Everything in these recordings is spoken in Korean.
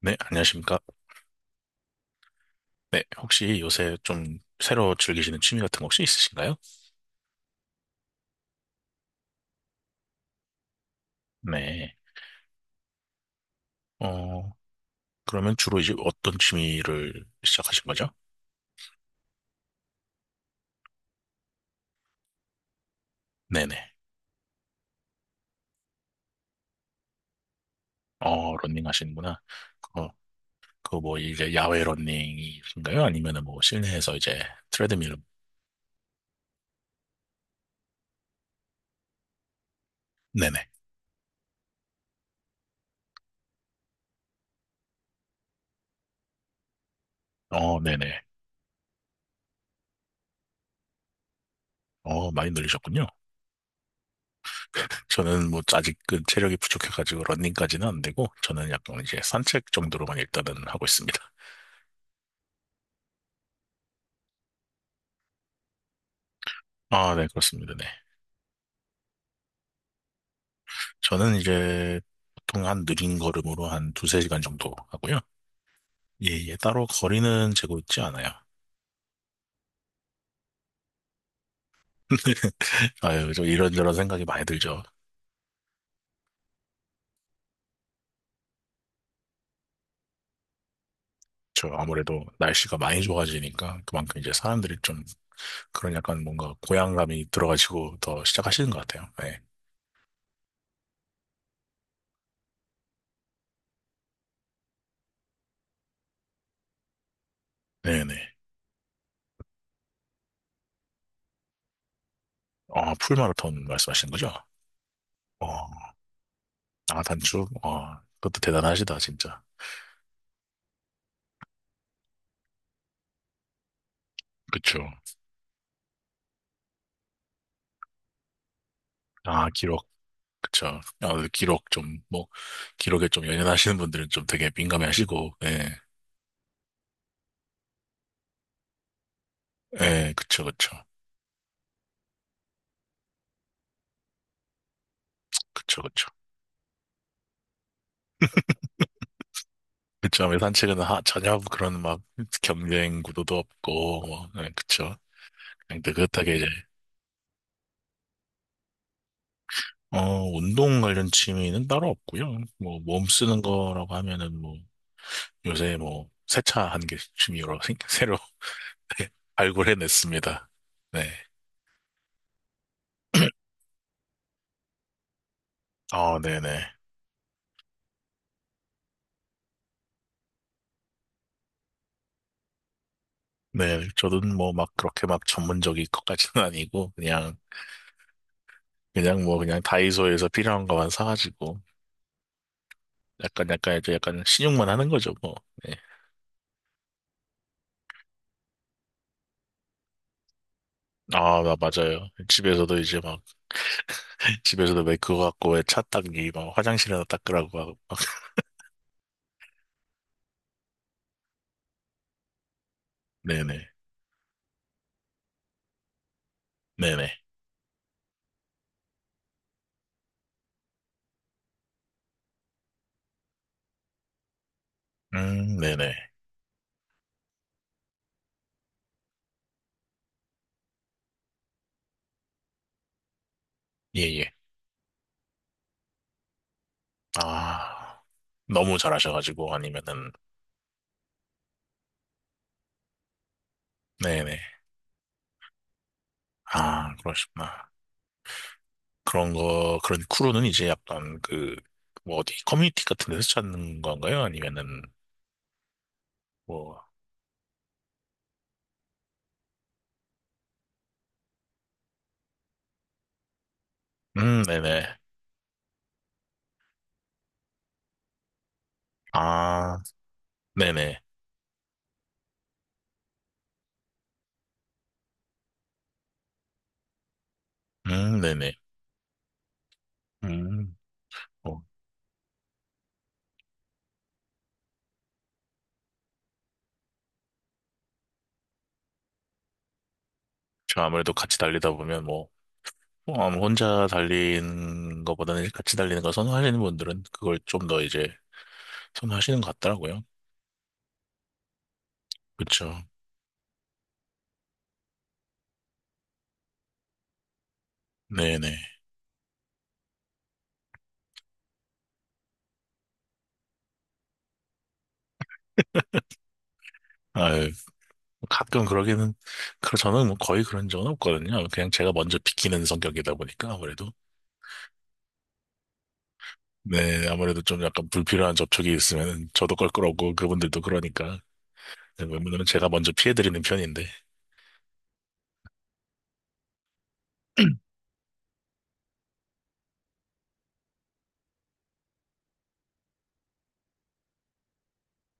네, 안녕하십니까. 네, 혹시 요새 좀 새로 즐기시는 취미 같은 거 혹시 있으신가요? 네. 어, 그러면 주로 이제 어떤 취미를 시작하신 거죠? 네네. 어, 러닝 하시는구나. 그거, 그거 뭐 이제 야외 러닝이신가요? 아니면은 뭐 실내에서 이제 트레드밀? 네네. 어, 네네. 어, 많이 늘리셨군요. 저는 뭐 아직 그 체력이 부족해가지고 러닝까지는 안 되고, 저는 약간 이제 산책 정도로만 일단은 하고 있습니다. 아, 네, 그렇습니다. 네. 저는 이제 보통 한 느린 걸음으로 한 두세 시간 정도 하고요. 예, 예, 따로 거리는 재고 있지 않아요. 아유, 저 이런저런 생각이 많이 들죠. 저 아무래도 날씨가 많이 좋아지니까 그만큼 이제 사람들이 좀 그런 약간 뭔가 고향감이 들어가지고 더 시작하시는 것 같아요. 네. 네네. 어, 풀마라톤 말씀하시는 거죠? 어, 아, 단축? 어, 그것도 대단하시다, 진짜. 그쵸. 아, 기록. 그쵸. 아무래도 기록 좀, 뭐, 기록에 좀 연연하시는 분들은 좀 되게 민감해 하시고, 예, 예, 그쵸, 그쵸. 그쵸, 그쵸. 그쵸. 아무래도 산책은 하, 전혀 그런 막 경쟁 구도도 없고, 뭐, 예, 그쵸. 그냥 느긋하게 이제, 어, 운동 관련 취미는 따로 없고요. 뭐, 몸 쓰는 거라고 하면은 뭐, 요새 뭐, 세차하는 게 취미로 생- 새로 발굴해냈습니다. 네. 어, 네네. 네, 저는 뭐 막 그렇게 막 전문적인 것까지는 아니고 그냥 그냥 다이소에서 필요한 것만 사가지고 약간 이제 약간 신용만 하는 거죠 뭐. 네. 아, 나 맞아요. 집에서도 이제 막 집에서도 왜 그거 갖고 왜 차 닦기 막 화장실에다 닦으라고 하고 막 네네 네네 네네 예예 아 너무 잘하셔가지고 아니면은 네네 아 그러시구나 그런 크루는 이제 약간 그, 뭐 어디 커뮤니티 같은 데서 찾는 건가요? 아니면은, 뭐, 네네. 아, 네네. 네네. 음, 뭐, 저 아무래도 같이 달리다 보면 뭐, 뭐 아무 혼자 달리는 것보다는 이제 같이 달리는 걸 선호하시는 분들은 그걸 좀 더 이제 선호하시는 것 같더라고요. 그쵸. 네네. 아유, 가끔 그러기는, 그, 저는 뭐 거의 그런 적은 없거든요. 그냥 제가 먼저 비키는 성격이다 보니까 아무래도. 네, 아무래도 좀 약간 불필요한 접촉이 있으면 저도 껄끄럽고 그분들도 그러니까 웬만하면 제가 먼저 피해드리는 편인데.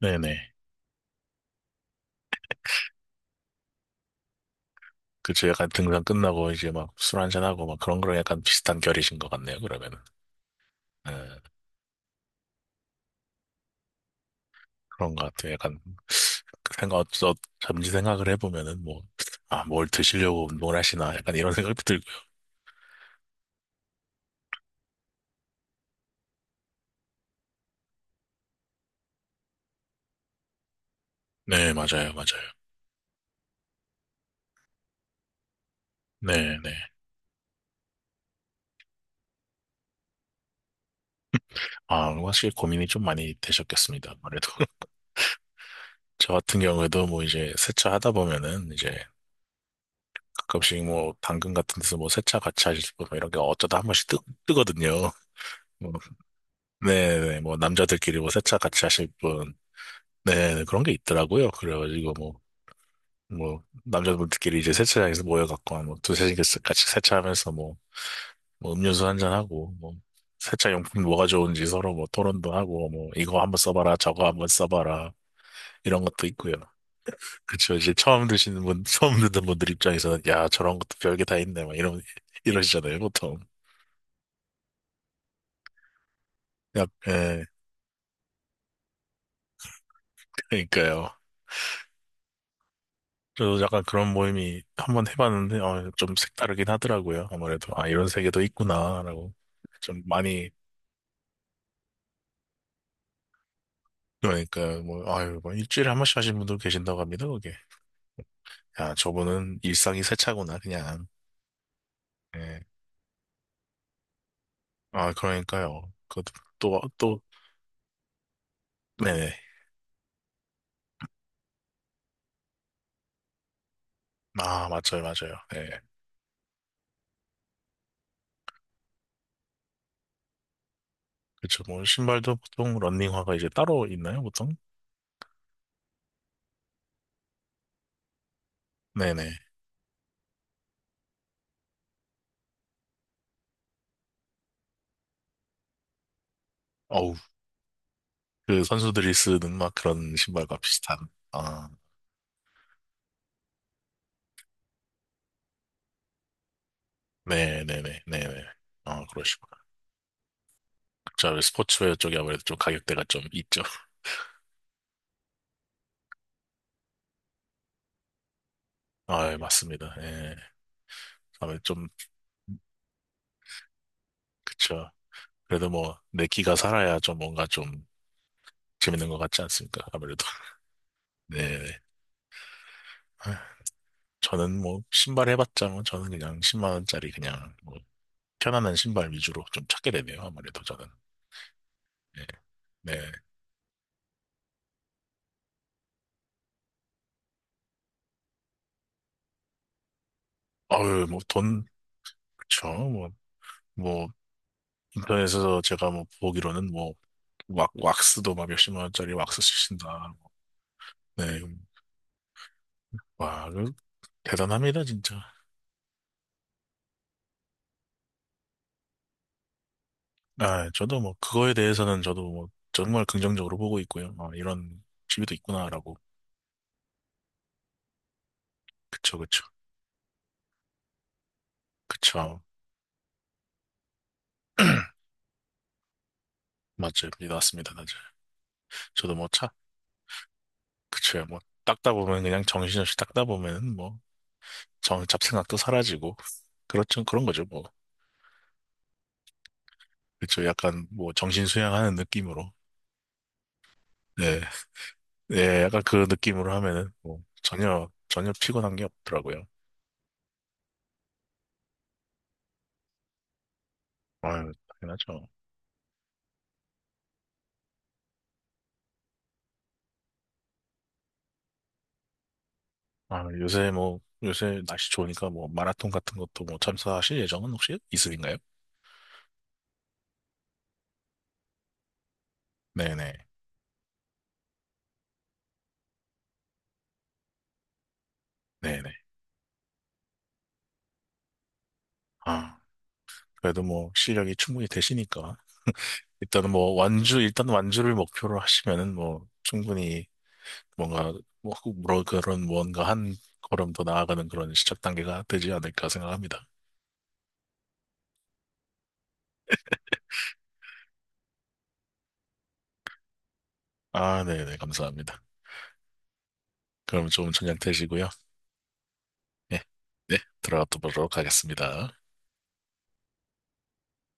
네네. 그쵸. 약간 등산 끝나고 이제 막 술 한잔하고 막 그런 거랑 약간 비슷한 결이신 것 같네요, 그러면은. 네, 그런 것 같아요. 약간 생각, 어, 잠시 생각을 해보면은 뭐, 아, 뭘 드시려고 운동을 하시나 약간 이런 생각도 들고요. 네, 맞아요, 맞아요. 네, 네. 아, 확실히 고민이 좀 많이 되셨겠습니다, 아무래도. 저 같은 경우에도 뭐 이제 세차 하다 보면은 이제 가끔씩 뭐 당근 같은 데서 뭐 세차 같이 하실 분 뭐 이런 게 어쩌다 한 번씩 뜨, 뜨거든요. 뭐, 네네 뭐 남자들끼리 뭐 세차 같이 하실 분 네, 그런 게 있더라고요. 그래가지고 뭐 뭐 남자분들끼리 이제 세차장에서 모여갖고 한뭐 두세 시간씩 같이 세차하면서 뭐, 뭐 음료수 한 잔 하고 뭐 세차 용품 뭐가 좋은지 서로 뭐 토론도 하고 뭐 이거 한번 써봐라 저거 한번 써봐라 이런 것도 있고요. 그쵸 이제 처음 드시는 분 처음 듣는 분들 입장에서는 야 저런 것도 별게 다 있네 막 이런 이러시잖아요 보통. 약, 예, 그러니까요. 저도 약간 그런 모임이 한번 해봤는데, 어, 좀 색다르긴 하더라고요. 아무래도, 아, 이런 세계도 있구나라고. 좀 많이, 그러니까, 뭐, 아유, 뭐, 일주일에 한 번씩 하시는 분도 계신다고 합니다, 그게. 야, 저분은 일상이 세차구나, 그냥. 예. 아, 그러니까요. 그, 또, 또, 네네. 아, 맞아요, 맞아요. 예. 그쵸, 뭐, 신발도 보통 런닝화가 이제 따로 있나요, 보통? 네네. 어우, 그 선수들이 쓰는 막 그런 신발과 비슷한, 아. 네네네, 네네. 아, 그러시구나. 자, 왜 스포츠웨어 쪽이 아무래도 좀 가격대가 좀 있죠. 아, 예, 맞습니다. 예. 다음에 좀, 그쵸. 그래도 뭐, 내 키가 살아야 좀 뭔가 좀 재밌는 것 같지 않습니까? 아무래도. 네네. 아, 저는 뭐, 신발 해봤자 뭐, 저는 그냥 10만 원짜리 그냥, 뭐, 편안한 신발 위주로 좀 찾게 되네요. 아무래도 저는. 예. 네. 아유, 뭐, 돈, 그쵸. 뭐, 뭐, 인터넷에서 제가 뭐, 보기로는 뭐, 왁, 왁스도 막 몇십만 원짜리 왁스 쓰신다. 네, 와, 그 대단합니다, 진짜. 아, 저도 뭐, 그거에 대해서는 저도 뭐, 정말 긍정적으로 보고 있고요. 아, 이런 집이도 있구나라고. 그쵸, 그쵸. 그쵸. 맞죠. 믿 왔습니다, 맞아요. 저도 뭐, 차, 그쵸. 뭐, 닦다 보면, 그냥 정신없이 닦다 보면, 뭐, 정, 잡생각도 사라지고. 그렇죠. 그런 거죠, 뭐. 그쵸. 약간, 뭐, 정신 수양하는 느낌으로. 네. 네, 약간 그 느낌으로 하면은, 뭐, 전혀, 전혀 피곤한 게 없더라고요. 아유, 당연하죠. 아, 요새 뭐, 요새 날씨 좋으니까 뭐, 마라톤 같은 것도 뭐, 참가하실 예정은 혹시 있으신가요? 네네. 네네. 아, 그래도 뭐, 실력이 충분히 되시니까. 일단은 뭐, 완주, 일단 완주를 목표로 하시면은 뭐, 충분히 뭔가, 뭐, 뭐 그런 무언가 한 걸음 더 나아가는 그런 시작 단계가 되지 않을까 생각합니다. 아, 네네. 감사합니다. 그럼 좀 저녁 되시고요. 예. 네. 들어가 보도록 하겠습니다.